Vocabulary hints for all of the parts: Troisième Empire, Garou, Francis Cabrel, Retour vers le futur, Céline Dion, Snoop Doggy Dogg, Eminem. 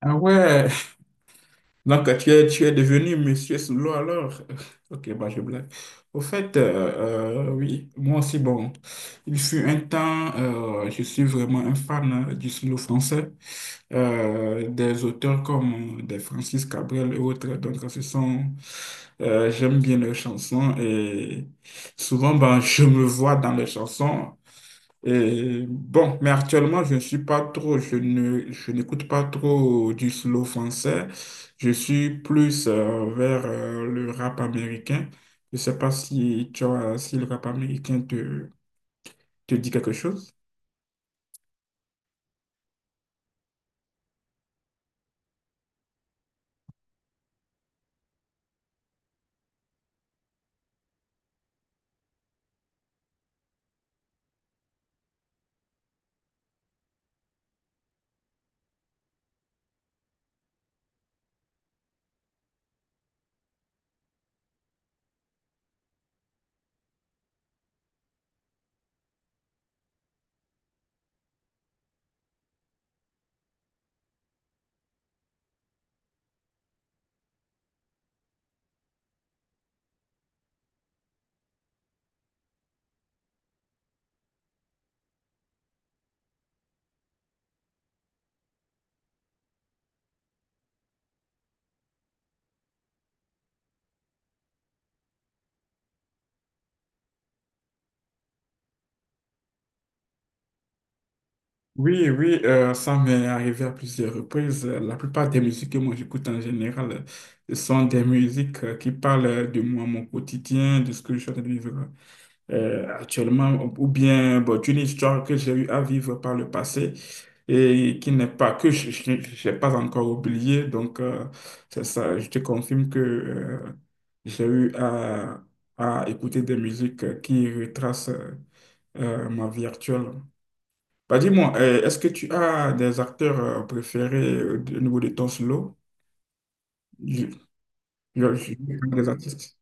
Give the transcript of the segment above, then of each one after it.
Ah ouais, donc tu es devenu Monsieur Solo alors. Ok, bah je blague. Au fait, oui, moi aussi, bon, il fut un temps, je suis vraiment un fan du slow français, des auteurs comme des Francis Cabrel et autres. Donc, ce sont, j'aime bien leurs chansons et souvent, ben, je me vois dans leurs chansons. Et bon, mais actuellement, je ne suis pas trop, je ne, je n'écoute pas trop du slow français. Je suis plus vers le rap américain. Je ne sais pas si tu as, Si le rap américain te dit quelque chose. Oui, oui, ça m'est arrivé à plusieurs reprises. La plupart des musiques que moi j'écoute en général sont des musiques qui parlent de moi, mon quotidien, de ce que je suis en train de vivre actuellement, ou bien bon, d'une histoire que j'ai eu à vivre par le passé et qui n'est pas, que je n'ai pas encore oubliée. Donc, c'est ça, je te confirme que j'ai eu à écouter des musiques qui retracent ma vie actuelle. Bah, dis-moi, est-ce que tu as des acteurs préférés au niveau de ton solo? Je- je- je- des artistes.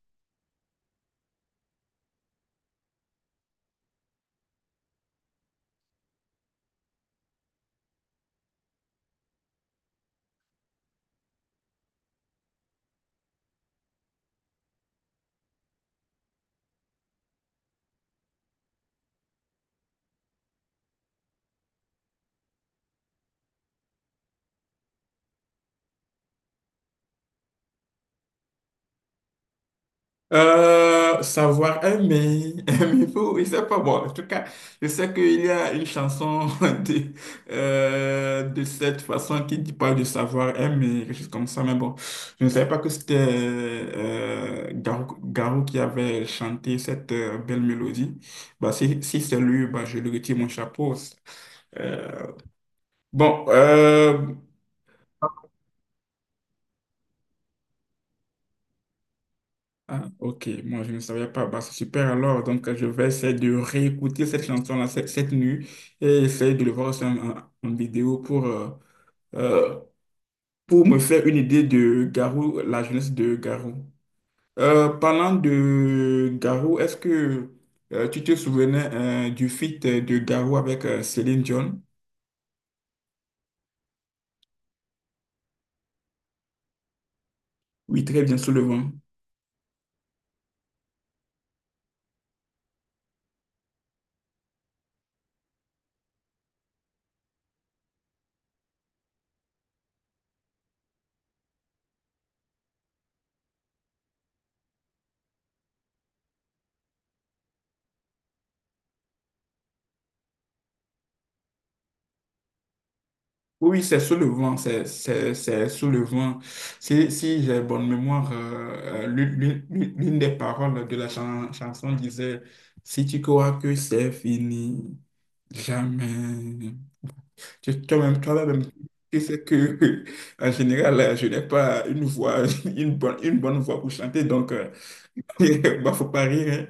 Savoir aimer, aimer faut, je sais pas moi. En tout cas, je sais qu'il y a une chanson de, de cette façon qui dit pas de savoir aimer, quelque chose comme ça, mais bon, je ne savais pas que c'était Garou, Garou qui avait chanté cette belle mélodie. Bah, si c'est lui, bah, je lui retire mon chapeau. Euh, Bon, euh, ah, ok, moi je ne savais pas. Bah, c'est super alors. Donc, je vais essayer de réécouter cette nuit et essayer de le voir aussi en vidéo pour, euh, pour me faire une idée de Garou, la jeunesse de Garou. Parlant de Garou, est-ce que tu te souvenais du feat de Garou avec Céline Dion? Oui, très bien, sous le vent. Oui, oui, c'est soulevant, c'est soulevant. Si j'ai bonne mémoire, l'une des paroles de la chanson disait, si tu crois que c'est fini, jamais. Toi-même, toi-même, tu sais que, en général, je n'ai pas une voix, une bonne voix pour chanter, donc, bah, faut pas rire.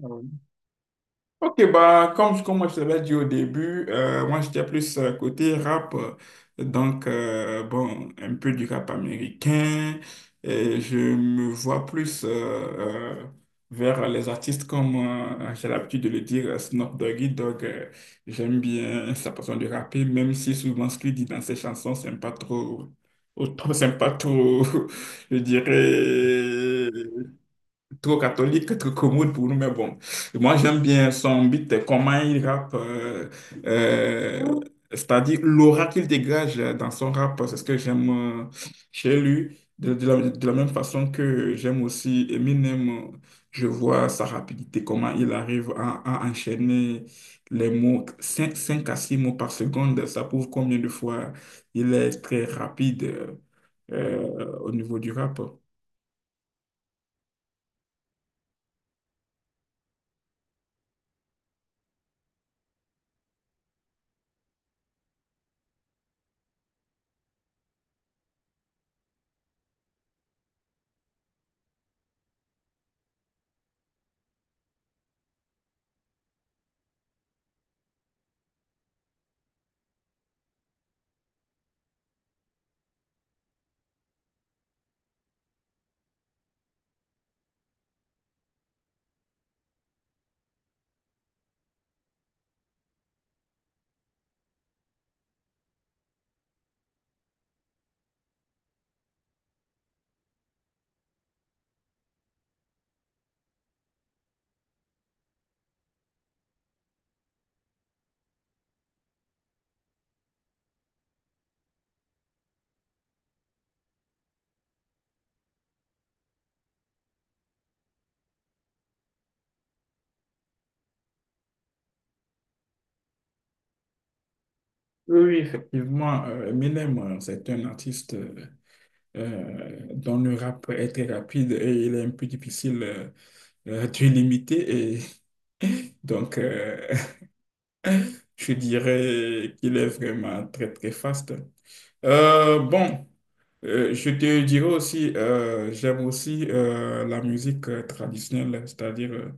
Hein. Ok, bah, comme moi, je te l'avais dit au début, moi, j'étais plus côté rap. Donc, bon, un peu du rap américain. Et je me vois plus euh, vers les artistes comme, j'ai l'habitude de le dire, Snoop Doggy Dogg. J'aime bien sa façon de rapper, même si souvent ce qu'il dit dans ses chansons, c'est pas trop... au trop C'est pas trop, je dirais, trop catholique, trop commode pour nous, mais bon. Moi, j'aime bien son beat, comment il rappe, euh, c'est-à-dire l'aura qu'il dégage dans son rap, c'est ce que j'aime chez lui. De la même façon que j'aime aussi Eminem, je vois sa rapidité, comment il arrive à enchaîner les mots, cinq à 6 mots par seconde, ça prouve combien de fois il est très rapide au niveau du rap. Oui, oui, effectivement, Eminem, c'est un artiste dont le rap est très rapide et il est un peu difficile de limiter. Et donc, je dirais qu'il est vraiment très, très fast. Euh, bon, je te dirais aussi, j'aime aussi la musique traditionnelle, c'est-à-dire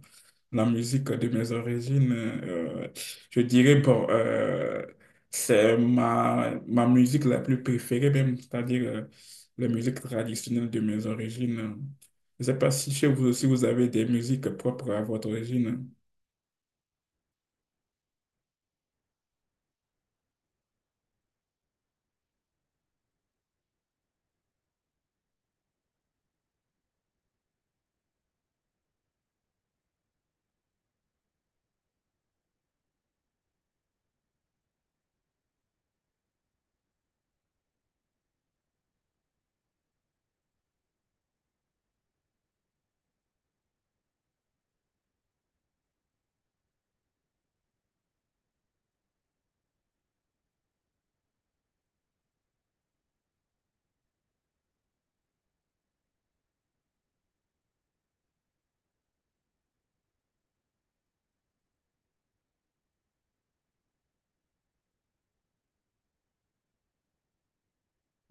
la musique de mes origines. Je dirais, bon, c'est ma musique la plus préférée même, c'est-à-dire la musique traditionnelle de mes origines. Je ne sais pas si chez vous aussi vous avez des musiques propres à votre origine.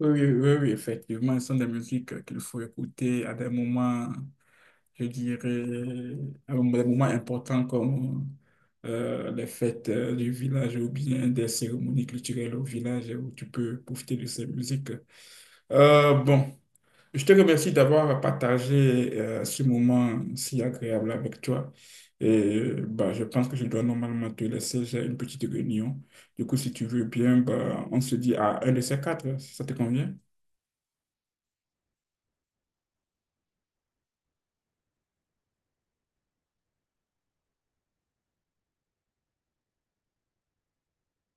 Oui, oui, oui, oui, effectivement, ce sont des musiques qu'il faut écouter à des moments. Je dirais, des moments importants comme les fêtes du village ou bien des cérémonies culturelles au village où tu peux profiter de ces musiques. Euh, bon, je te remercie d'avoir partagé ce moment si agréable avec toi. Et bah, je pense que je dois normalement te laisser, j'ai une petite réunion. Du coup, si tu veux bien, bah, on se dit à un de ces quatre, ça te convient?